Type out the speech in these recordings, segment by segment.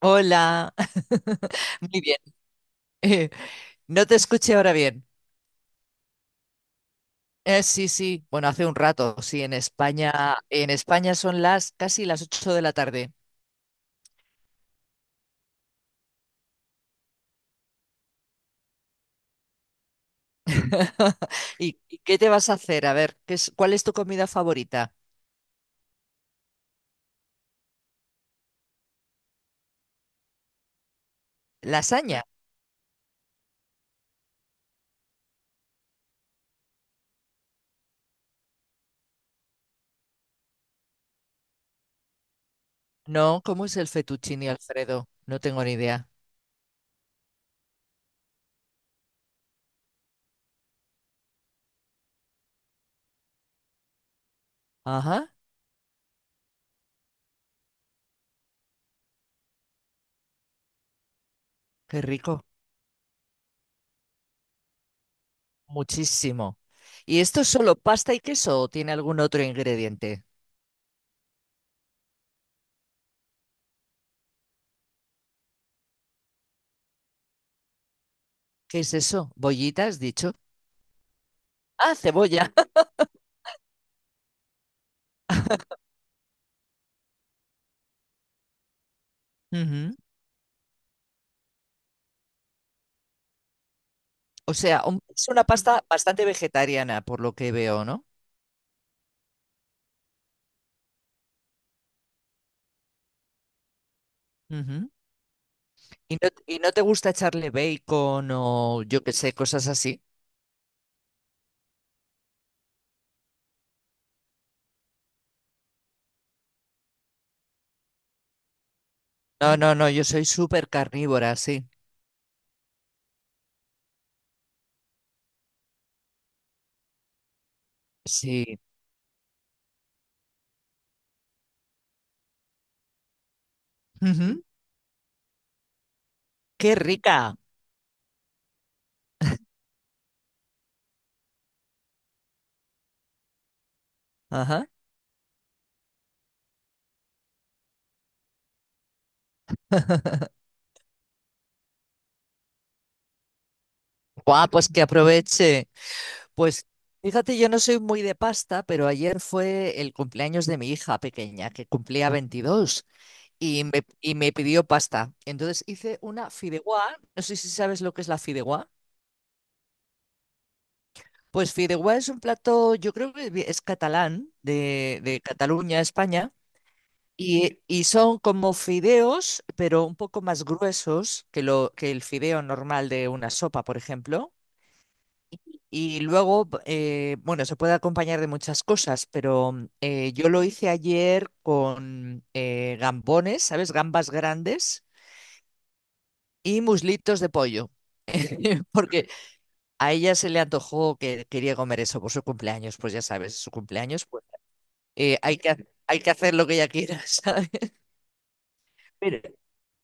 Hola. Muy bien. Eh, no te escuché ahora bien. Sí, sí. Bueno, hace un rato, sí, en España son las casi las 8 de la tarde. ¿Y qué te vas a hacer? A ver, ¿cuál es tu comida favorita? ¿Lasaña? No, ¿cómo es el fettuccine Alfredo? No tengo ni idea. Ajá, qué rico. Muchísimo. ¿Y esto es solo pasta y queso o tiene algún otro ingrediente? ¿Qué es eso? ¿Bollitas, dicho? Ah, cebolla. Ujú. O sea, un- es una pasta bastante vegetariana, por lo que veo, ¿no? Ujú. ¿Y no te gusta echarle bacon o yo qué sé, cosas así? No, no, no, yo soy súper carnívora, sí. Sí. Ujú. ¡Qué rica! Ajá. Guau, pues que aproveche. Pues fíjate, yo no soy muy de pasta, pero ayer fue el cumpleaños de mi hija pequeña, que cumplía 22, y me pidió pasta. Entonces hice una fideuá. No sé si sabes lo que es la fideuá. Pues fideuá es un plato, yo creo que es catalán, de Cataluña, España, y son como fideos, pero un poco más gruesos que el fideo normal de una sopa, por ejemplo. Y luego, bueno, se puede acompañar de muchas cosas, pero yo lo hice ayer con gambones, ¿sabes? Gambas grandes y muslitos de pollo. Porque a ella se le antojó que quería comer eso por su cumpleaños, pues ya sabes, su cumpleaños eh, hay que, ha- hay que hacer lo que ella quiera, ¿sabes? Mira,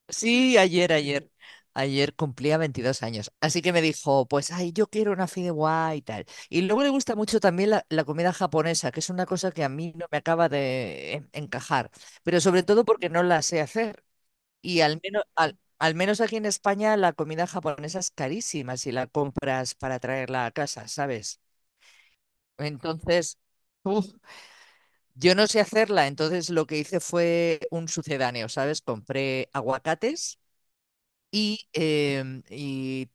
sí, ayer, ayer. Ayer cumplía 22 años, así que me dijo, pues, ay, yo quiero una fideuá y tal. Y luego le gusta mucho también la comida japonesa, que es una cosa que a mí no me acaba de en- encajar, pero sobre todo porque no la sé hacer. Y al menos aquí en España la comida japonesa es carísima si la compras para traerla a casa, ¿sabes? Entonces, yo no sé hacerla, entonces lo que hice fue un sucedáneo, ¿sabes? Compré aguacates y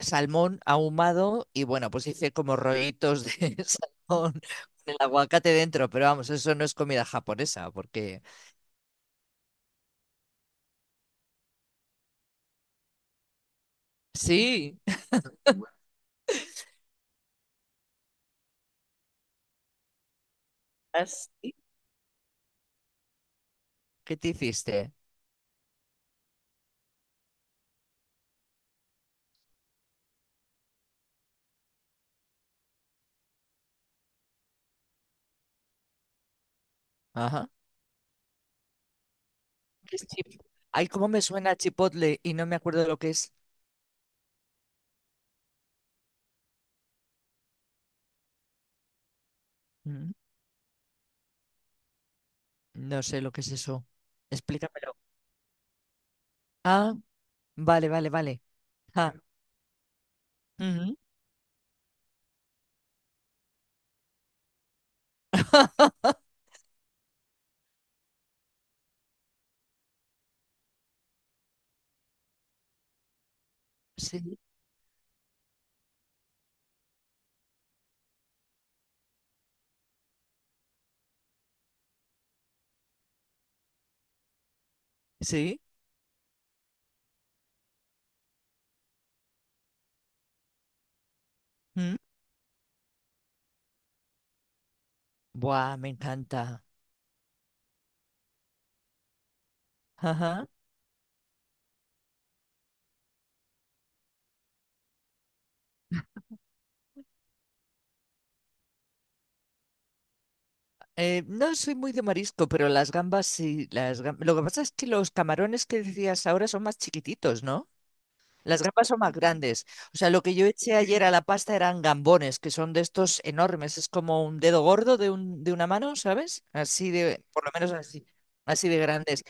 salmón ahumado y bueno, pues hice como rollitos de salmón con el aguacate dentro, pero vamos, eso no es comida japonesa, porque sí, ¿qué te hiciste? Ajá. ¿Qué es chip- Ay, ¿cómo me suena chipotle y no me acuerdo lo que es? Mm, no sé lo que es eso. Explícamelo. Ah, vale, vale, vale. Ah, ujú. Sí. Sí, mm, buah, me encanta. Ajá. No soy muy de marisco, pero las gambas sí. Las gam- Lo que pasa es que los camarones que decías ahora son más chiquititos, ¿no? Las gambas son más grandes. O sea, lo que yo eché ayer a la pasta eran gambones, que son de estos enormes. Es como un dedo gordo de una mano, ¿sabes? Así de, por lo menos así, así de grandes.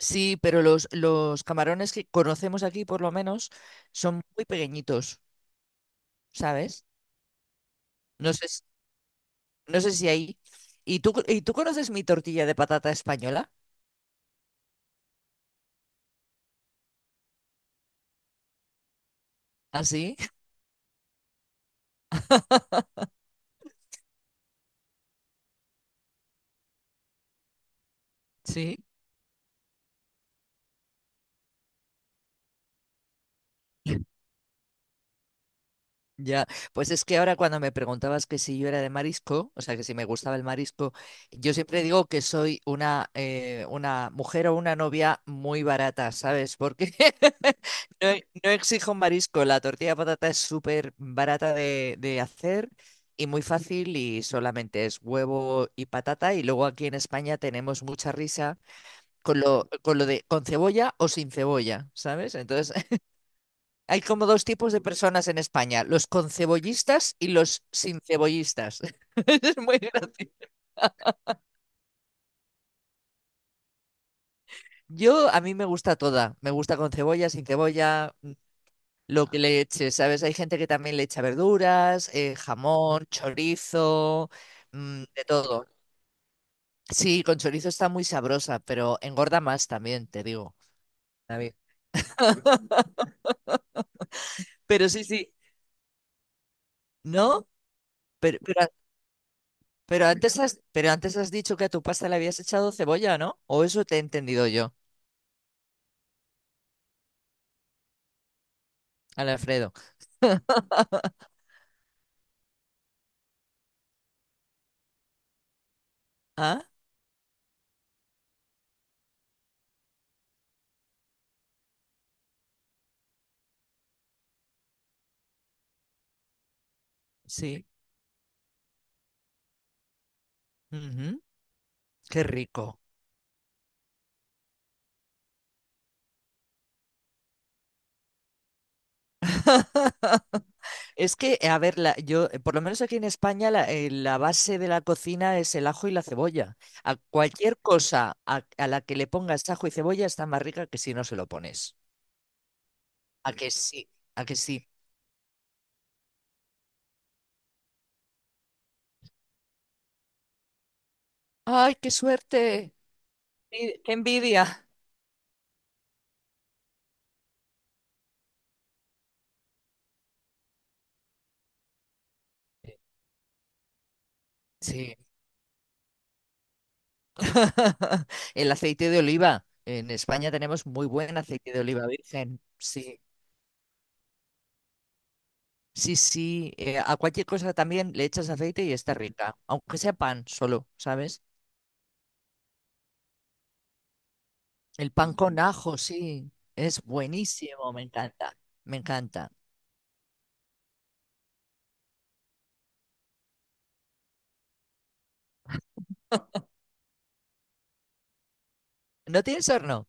Sí, pero los camarones que conocemos aquí, por lo menos, son muy pequeñitos, ¿sabes? No sé No sé si ahí. ¿Y tú conoces mi tortilla de patata española? ¿Ah, sí? Sí. Ya, pues es que ahora cuando me preguntabas que si yo era de marisco, o sea, que si me gustaba el marisco, yo siempre digo que soy una mujer o una novia muy barata, ¿sabes? Porque no, e- no exijo marisco, la tortilla de patata es súper barata de hacer y muy fácil y solamente es huevo y patata y luego aquí en España tenemos mucha risa. Con lo de con cebolla o sin cebolla, ¿sabes? Entonces, hay como dos tipos de personas en España, los concebollistas y los sin cebollistas. Es muy gracioso. Yo, a mí me gusta toda, me gusta con cebolla, sin cebolla, lo que le eche, ¿sabes? Hay gente que también le echa verduras, jamón, chorizo, de todo. Sí, con chorizo está muy sabrosa, pero engorda más también, te digo, David. Pero sí, sí, ¿no? Pero, pero Pero antes has dicho que a tu pasta le habías echado cebolla, ¿no? O eso te he entendido yo, al Alfredo. Ah, sí. Ujú. Qué rico. Es que, a ver, la- yo, por lo menos aquí en España, la base de la cocina es el ajo y la cebolla. A cualquier cosa a la que le pongas ajo y cebolla está más rica que si no se lo pones. ¿A que sí? ¿A que sí? ¡Ay, qué suerte! ¡Qué envidia! Sí, el aceite de oliva. En España tenemos muy buen aceite de oliva virgen. Sí, sí, sí. A cualquier cosa también le echas aceite y está rica. Aunque sea pan solo, ¿sabes? El pan con ajo, sí. Es buenísimo, me encanta. Me encanta. ¿No tienes horno?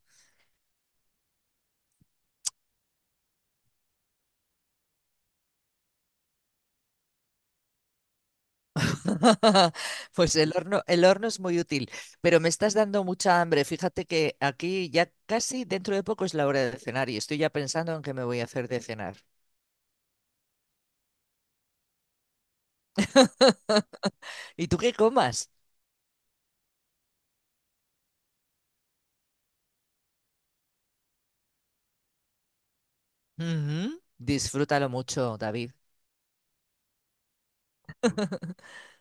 Pues el horno es muy útil, pero me estás dando mucha hambre. Fíjate que aquí ya casi dentro de poco es la hora de cenar y estoy ya pensando en qué me voy a hacer de cenar. ¿Y tú qué comas? Ujú. Disfrútalo mucho, David.